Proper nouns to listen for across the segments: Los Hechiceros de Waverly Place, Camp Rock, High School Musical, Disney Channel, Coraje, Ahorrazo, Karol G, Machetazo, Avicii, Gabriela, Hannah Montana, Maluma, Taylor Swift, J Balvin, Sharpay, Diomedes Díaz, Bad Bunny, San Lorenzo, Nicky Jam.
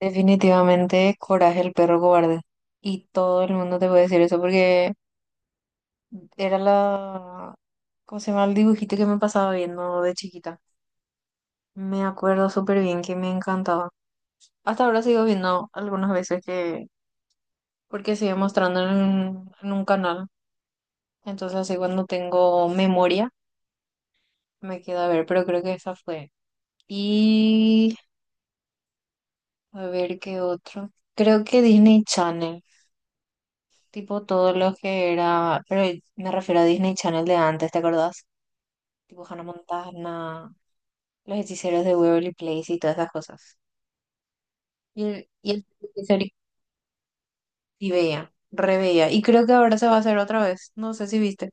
Definitivamente, Coraje, el perro cobarde. Y todo el mundo te puede decir eso porque era la, ¿cómo se llama? El dibujito que me pasaba viendo de chiquita. Me acuerdo súper bien que me encantaba. Hasta ahora sigo viendo algunas veces que, porque sigue mostrando un canal. Entonces así cuando tengo memoria me queda a ver, pero creo que esa fue. Y a ver qué otro. Creo que Disney Channel. Tipo todo lo que era, pero me refiero a Disney Channel de antes, ¿te acordás? Tipo Hannah Montana, Los Hechiceros de Waverly Place y todas esas cosas. Y el Hechicería, y veía, reveía. Y creo que ahora se va a hacer otra vez. No sé si viste,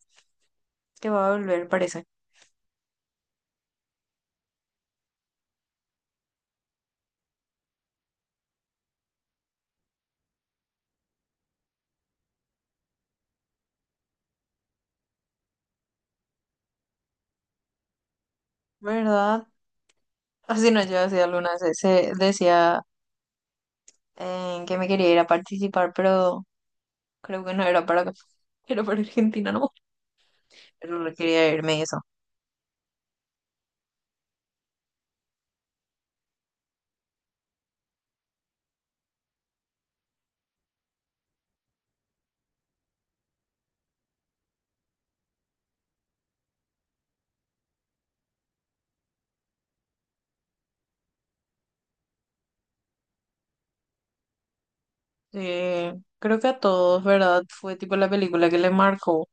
que va a volver, parece. ¿Verdad? Así no, yo decía alguna vez, se decía que me quería ir a participar, pero creo que no era era para Argentina, ¿no? Pero quería irme y eso. Sí, creo que a todos, ¿verdad? Fue tipo la película que le marcó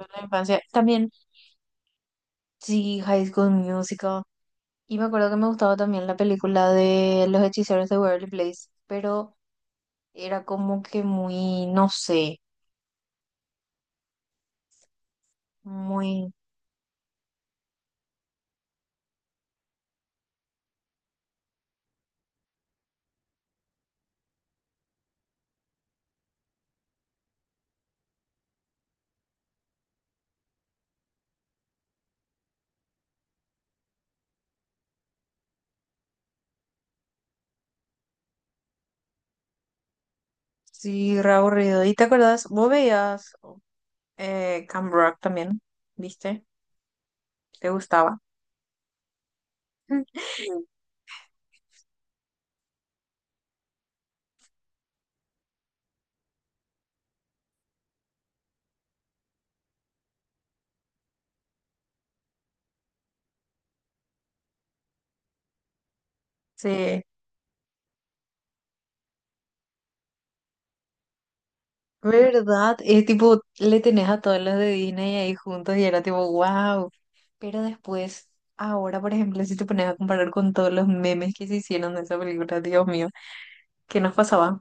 en la infancia. También, sí, High School Musical. Y me acuerdo que me gustaba también la película de Los Hechiceros de Waverly Place, pero era como que muy, no sé, muy, sí, re aburrido. ¿Y te acuerdas? Vos veías Camp Rock también, ¿viste? ¿Te gustaba? Sí. ¿Verdad? Es tipo, le tenés a todos los de Disney ahí juntos y era tipo, wow. Pero después, ahora, por ejemplo, si te pones a comparar con todos los memes que se hicieron de esa película, Dios mío, ¿qué nos pasaba?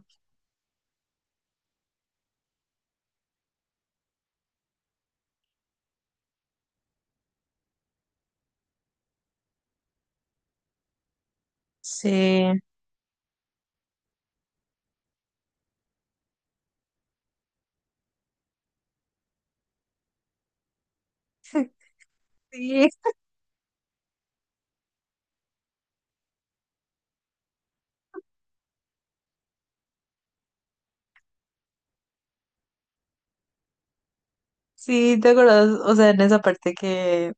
Sí. Sí, sí, ¿te acordás? O sea, en esa parte que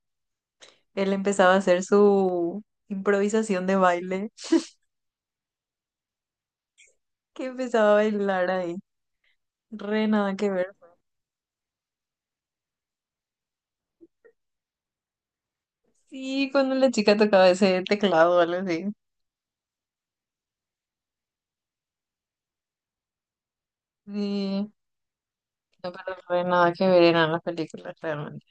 él empezaba a hacer su improvisación de baile, que empezaba a bailar ahí. Re nada que ver. Sí, cuando la chica tocaba ese teclado o algo así. Sí. No, pero re nada que ver eran las películas realmente.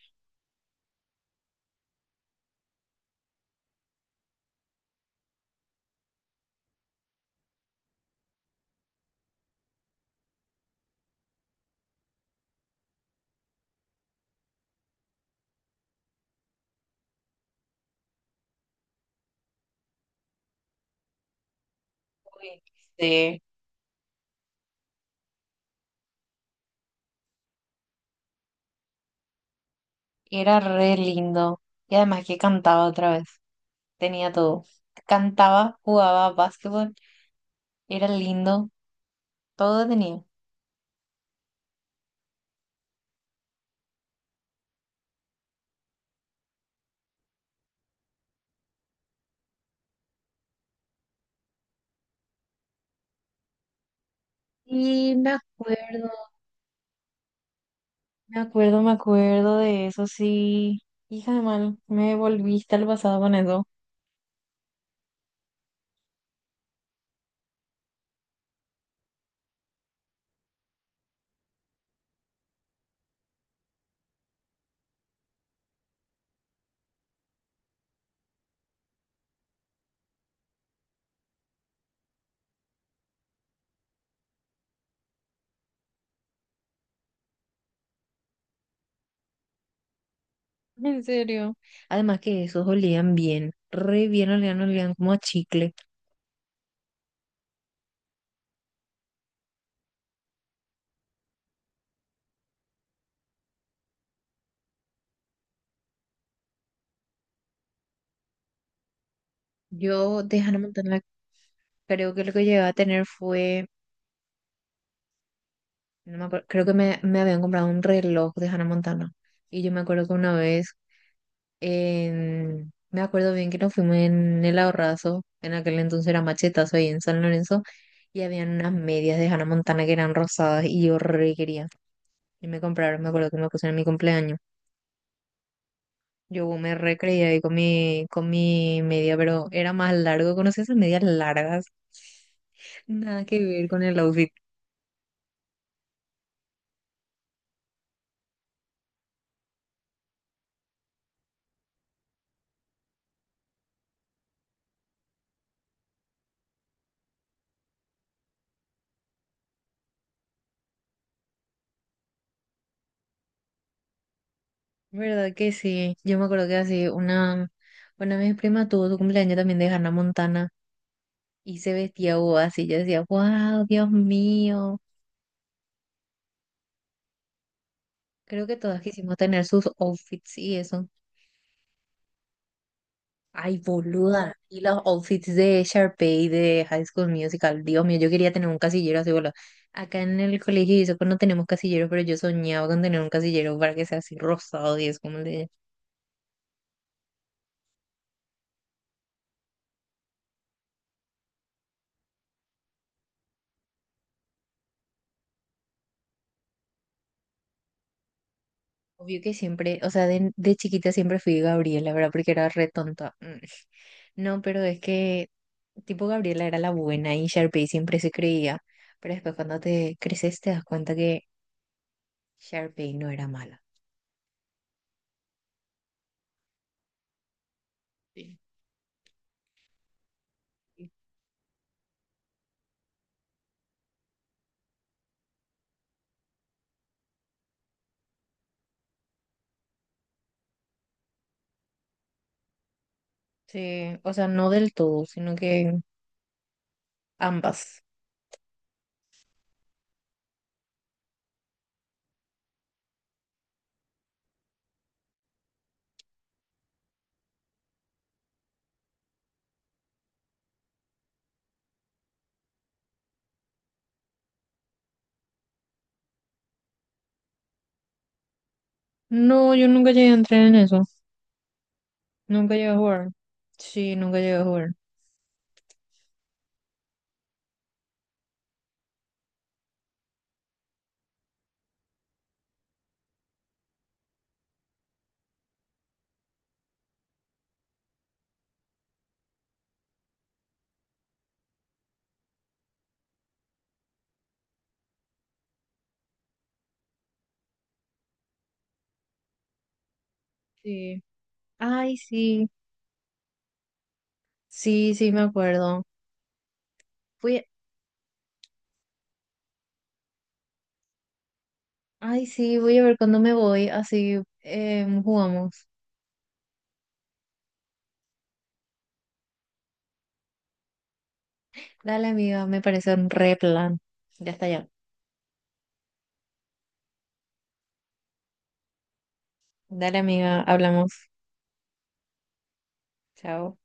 Uy, sí. Y era re lindo. Y además que cantaba otra vez. Tenía todo. Cantaba, jugaba básquetbol. Era lindo. Todo tenía. Y me acuerdo, me acuerdo, me acuerdo de eso, sí. Hija de mal, me volviste al pasado con eso. En serio. Además que esos olían bien. Re bien olían, olían como a chicle. Yo de Hannah Montana creo que lo que llegué a tener fue. No me acuerdo, creo que me habían comprado un reloj de Hannah Montana. Y yo me acuerdo que una vez, en- me acuerdo bien que nos fuimos en el Ahorrazo, en aquel entonces era Machetazo ahí en San Lorenzo, y habían unas medias de Hannah Montana que eran rosadas y yo re quería. Y me compraron, me acuerdo que me pusieron en mi cumpleaños. Yo me re ahí con mi media, pero era más largo, ¿conoces esas medias largas? Nada que ver con el outfit. ¿Verdad que sí? Yo me acuerdo que así una de mis primas tuvo su cumpleaños también de Hannah Montana y se vestía o así. Yo decía, wow, Dios mío. Creo que todas quisimos tener sus outfits y eso. Ay, boluda. Y los outfits de Sharpay de High School Musical. Dios mío, yo quería tener un casillero así, boludo. Acá en el colegio y eso, pues no tenemos casilleros, pero yo soñaba con tener un casillero para que sea así rosado y es como el de ella. Obvio que siempre, o sea, de chiquita siempre fui Gabriela, ¿verdad? Porque era re tonta. Mm. No, pero es que tipo Gabriela era la buena y Sharpay siempre se creía, pero después cuando te creces te das cuenta que Sharpay no era mala. Sí. Sí, o sea, no del todo, sino que ambas. No, yo nunca llegué a entrar en eso. Nunca llegué a jugar. Sí, nunca llegué a jugar. Sí. Ay, sí. Sí, sí, me acuerdo. Voy Ay, sí, voy a ver cuando me voy. Así jugamos. Dale, amiga, me parece un re plan. Ya está ya. Dale, amiga, hablamos. Chao.